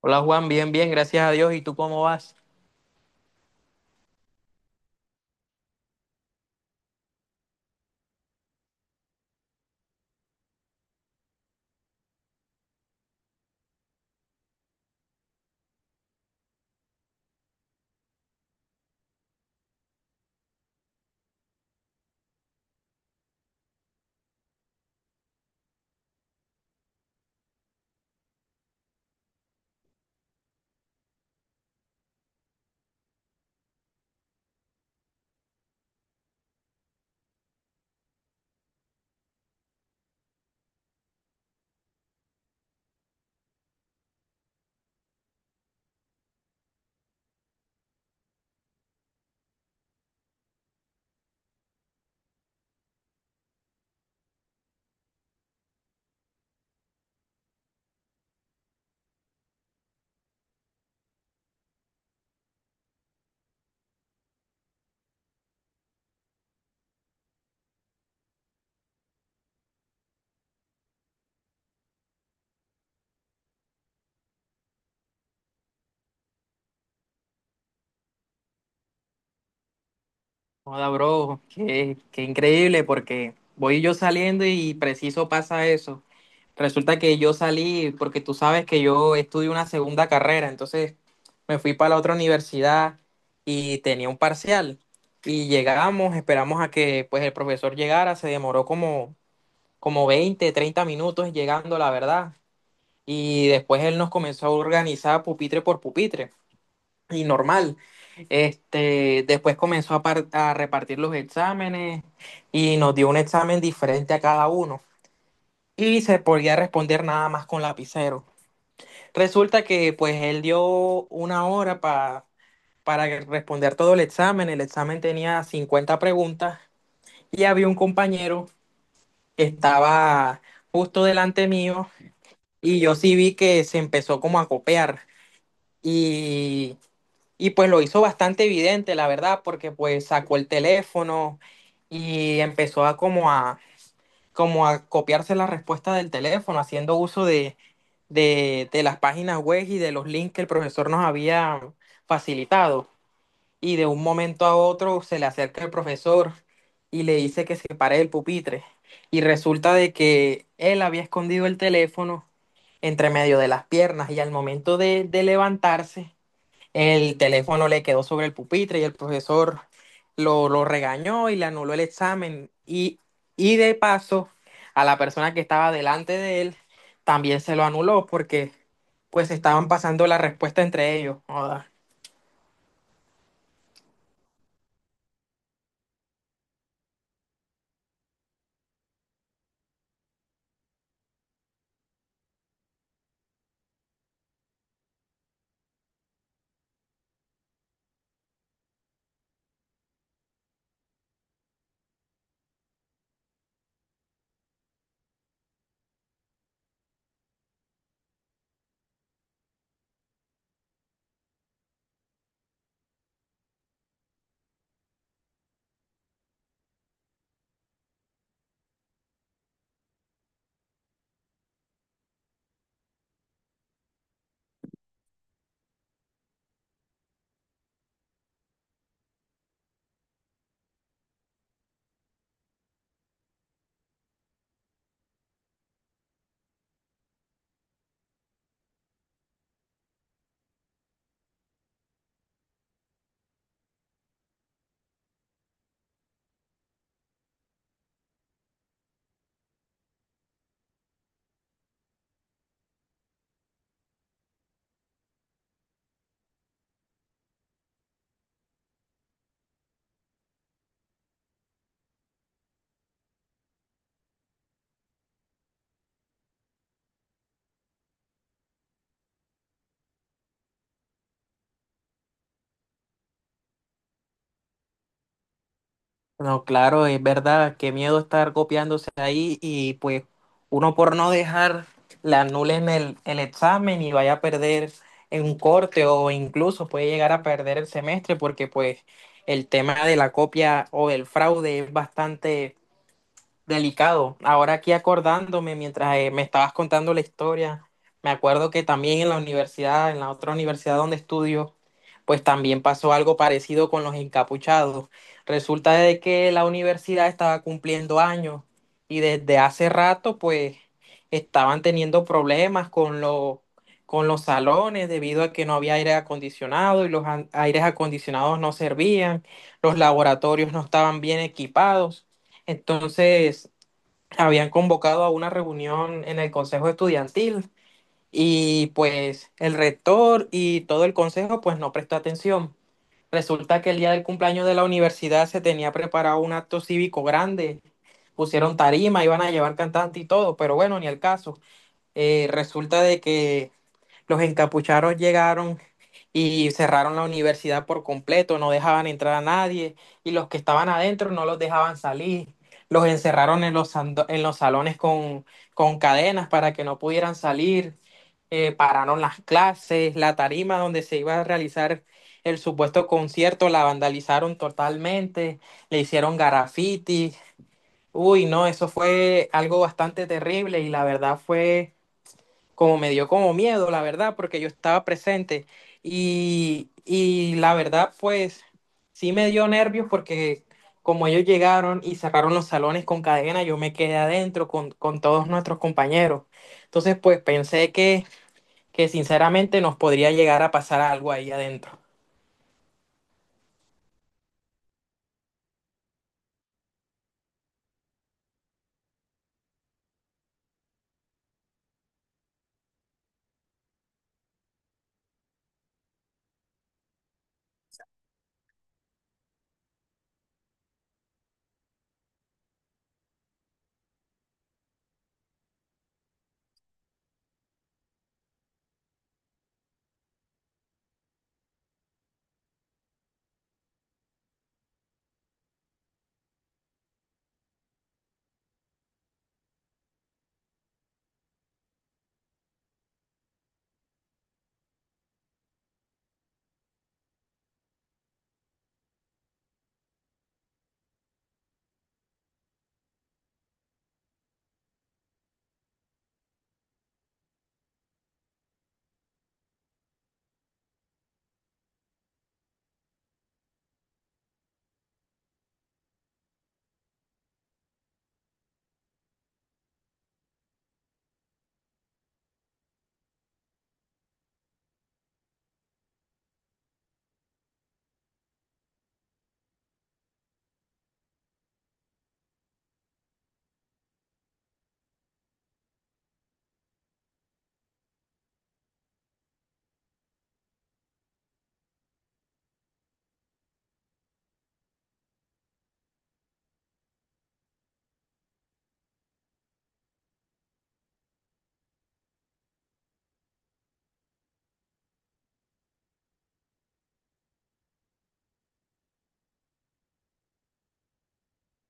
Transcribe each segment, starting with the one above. Hola Juan, bien, bien, gracias a Dios. ¿Y tú cómo vas? Hola, bro, qué increíble porque voy yo saliendo y preciso pasa eso. Resulta que yo salí porque tú sabes que yo estudio una segunda carrera, entonces me fui para la otra universidad y tenía un parcial. Y llegamos, esperamos a que pues el profesor llegara, se demoró como 20, 30 minutos llegando, la verdad. Y después él nos comenzó a organizar pupitre por pupitre. Y normal. Este, después comenzó a repartir los exámenes y nos dio un examen diferente a cada uno y se podía responder nada más con lapicero. Resulta que pues él dio una hora para responder todo el examen. El examen tenía 50 preguntas y había un compañero que estaba justo delante mío y yo sí vi que se empezó como a copiar. y Y pues lo hizo bastante evidente, la verdad, porque pues sacó el teléfono y empezó como a copiarse la respuesta del teléfono, haciendo uso de las páginas web y de los links que el profesor nos había facilitado. Y de un momento a otro se le acerca el profesor y le dice que se pare del pupitre. Y resulta de que él había escondido el teléfono entre medio de las piernas y al momento de levantarse el teléfono le quedó sobre el pupitre y el profesor lo regañó y le anuló el examen. Y de paso, a la persona que estaba delante de él también se lo anuló porque pues estaban pasando la respuesta entre ellos. Joda. No, claro, es verdad, qué miedo estar copiándose ahí y pues uno por no dejar le anulen el examen y vaya a perder en un corte o incluso puede llegar a perder el semestre porque pues el tema de la copia o el fraude es bastante delicado. Ahora aquí acordándome, mientras me estabas contando la historia, me acuerdo que también en la universidad, en la otra universidad donde estudio, pues también pasó algo parecido con los encapuchados. Resulta de que la universidad estaba cumpliendo años y desde hace rato pues estaban teniendo problemas con los salones debido a que no había aire acondicionado y aires acondicionados no servían, los laboratorios no estaban bien equipados. Entonces, habían convocado a una reunión en el consejo estudiantil y pues el rector y todo el consejo pues no prestó atención. Resulta que el día del cumpleaños de la universidad se tenía preparado un acto cívico grande, pusieron tarima, iban a llevar cantante y todo, pero bueno, ni el caso. Resulta de que los encapuchados llegaron y cerraron la universidad por completo, no dejaban entrar a nadie y los que estaban adentro no los dejaban salir. Los encerraron en en los salones con cadenas para que no pudieran salir, pararon las clases, la tarima donde se iba a realizar el supuesto concierto la vandalizaron totalmente, le hicieron graffiti. Uy, no, eso fue algo bastante terrible y la verdad fue como me dio como miedo, la verdad, porque yo estaba presente y la verdad, pues sí me dio nervios porque como ellos llegaron y cerraron los salones con cadena, yo me quedé adentro con todos nuestros compañeros. Entonces, pues pensé que sinceramente nos podría llegar a pasar algo ahí adentro.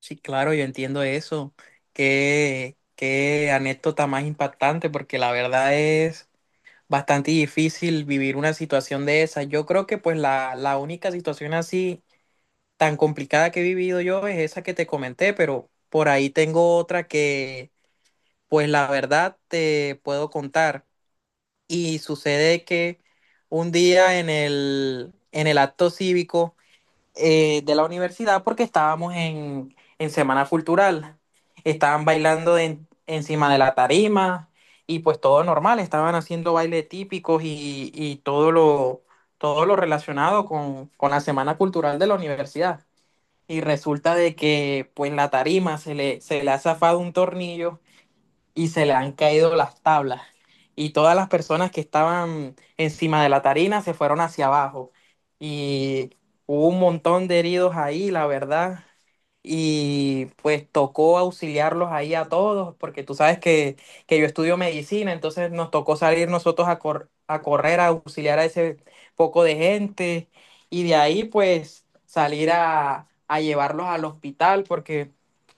Sí, claro, yo entiendo eso. Qué, qué anécdota más impactante, porque la verdad es bastante difícil vivir una situación de esa. Yo creo que pues la única situación así tan complicada que he vivido yo es esa que te comenté, pero por ahí tengo otra que pues la verdad te puedo contar. Y sucede que un día en el acto cívico de la universidad porque estábamos en Semana Cultural. Estaban bailando encima de la tarima y pues todo normal, estaban haciendo bailes típicos y todo lo relacionado con la Semana Cultural de la universidad. Y resulta de que pues la tarima se le ha zafado un tornillo y se le han caído las tablas. Y todas las personas que estaban encima de la tarina se fueron hacia abajo. Y hubo un montón de heridos ahí, la verdad. Y pues tocó auxiliarlos ahí a todos, porque tú sabes que yo estudio medicina, entonces nos tocó salir nosotros a correr, a auxiliar a ese poco de gente. Y de ahí pues salir a llevarlos al hospital, porque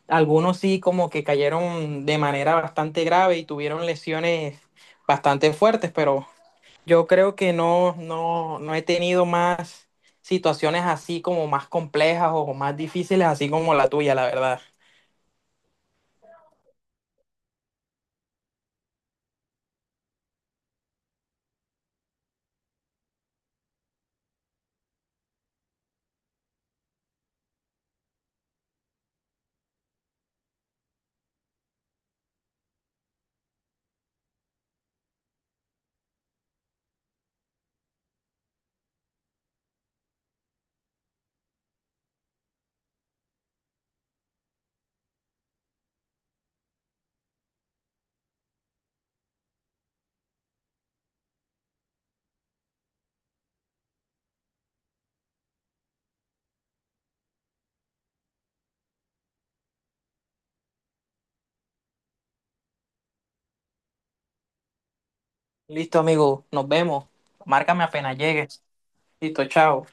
algunos sí como que cayeron de manera bastante grave y tuvieron lesiones bastante fuertes, pero yo creo que no, no, no he tenido más situaciones así como más complejas o más difíciles, así como la tuya, la verdad. Listo, amigo, nos vemos. Márcame apenas llegues. Listo, chao.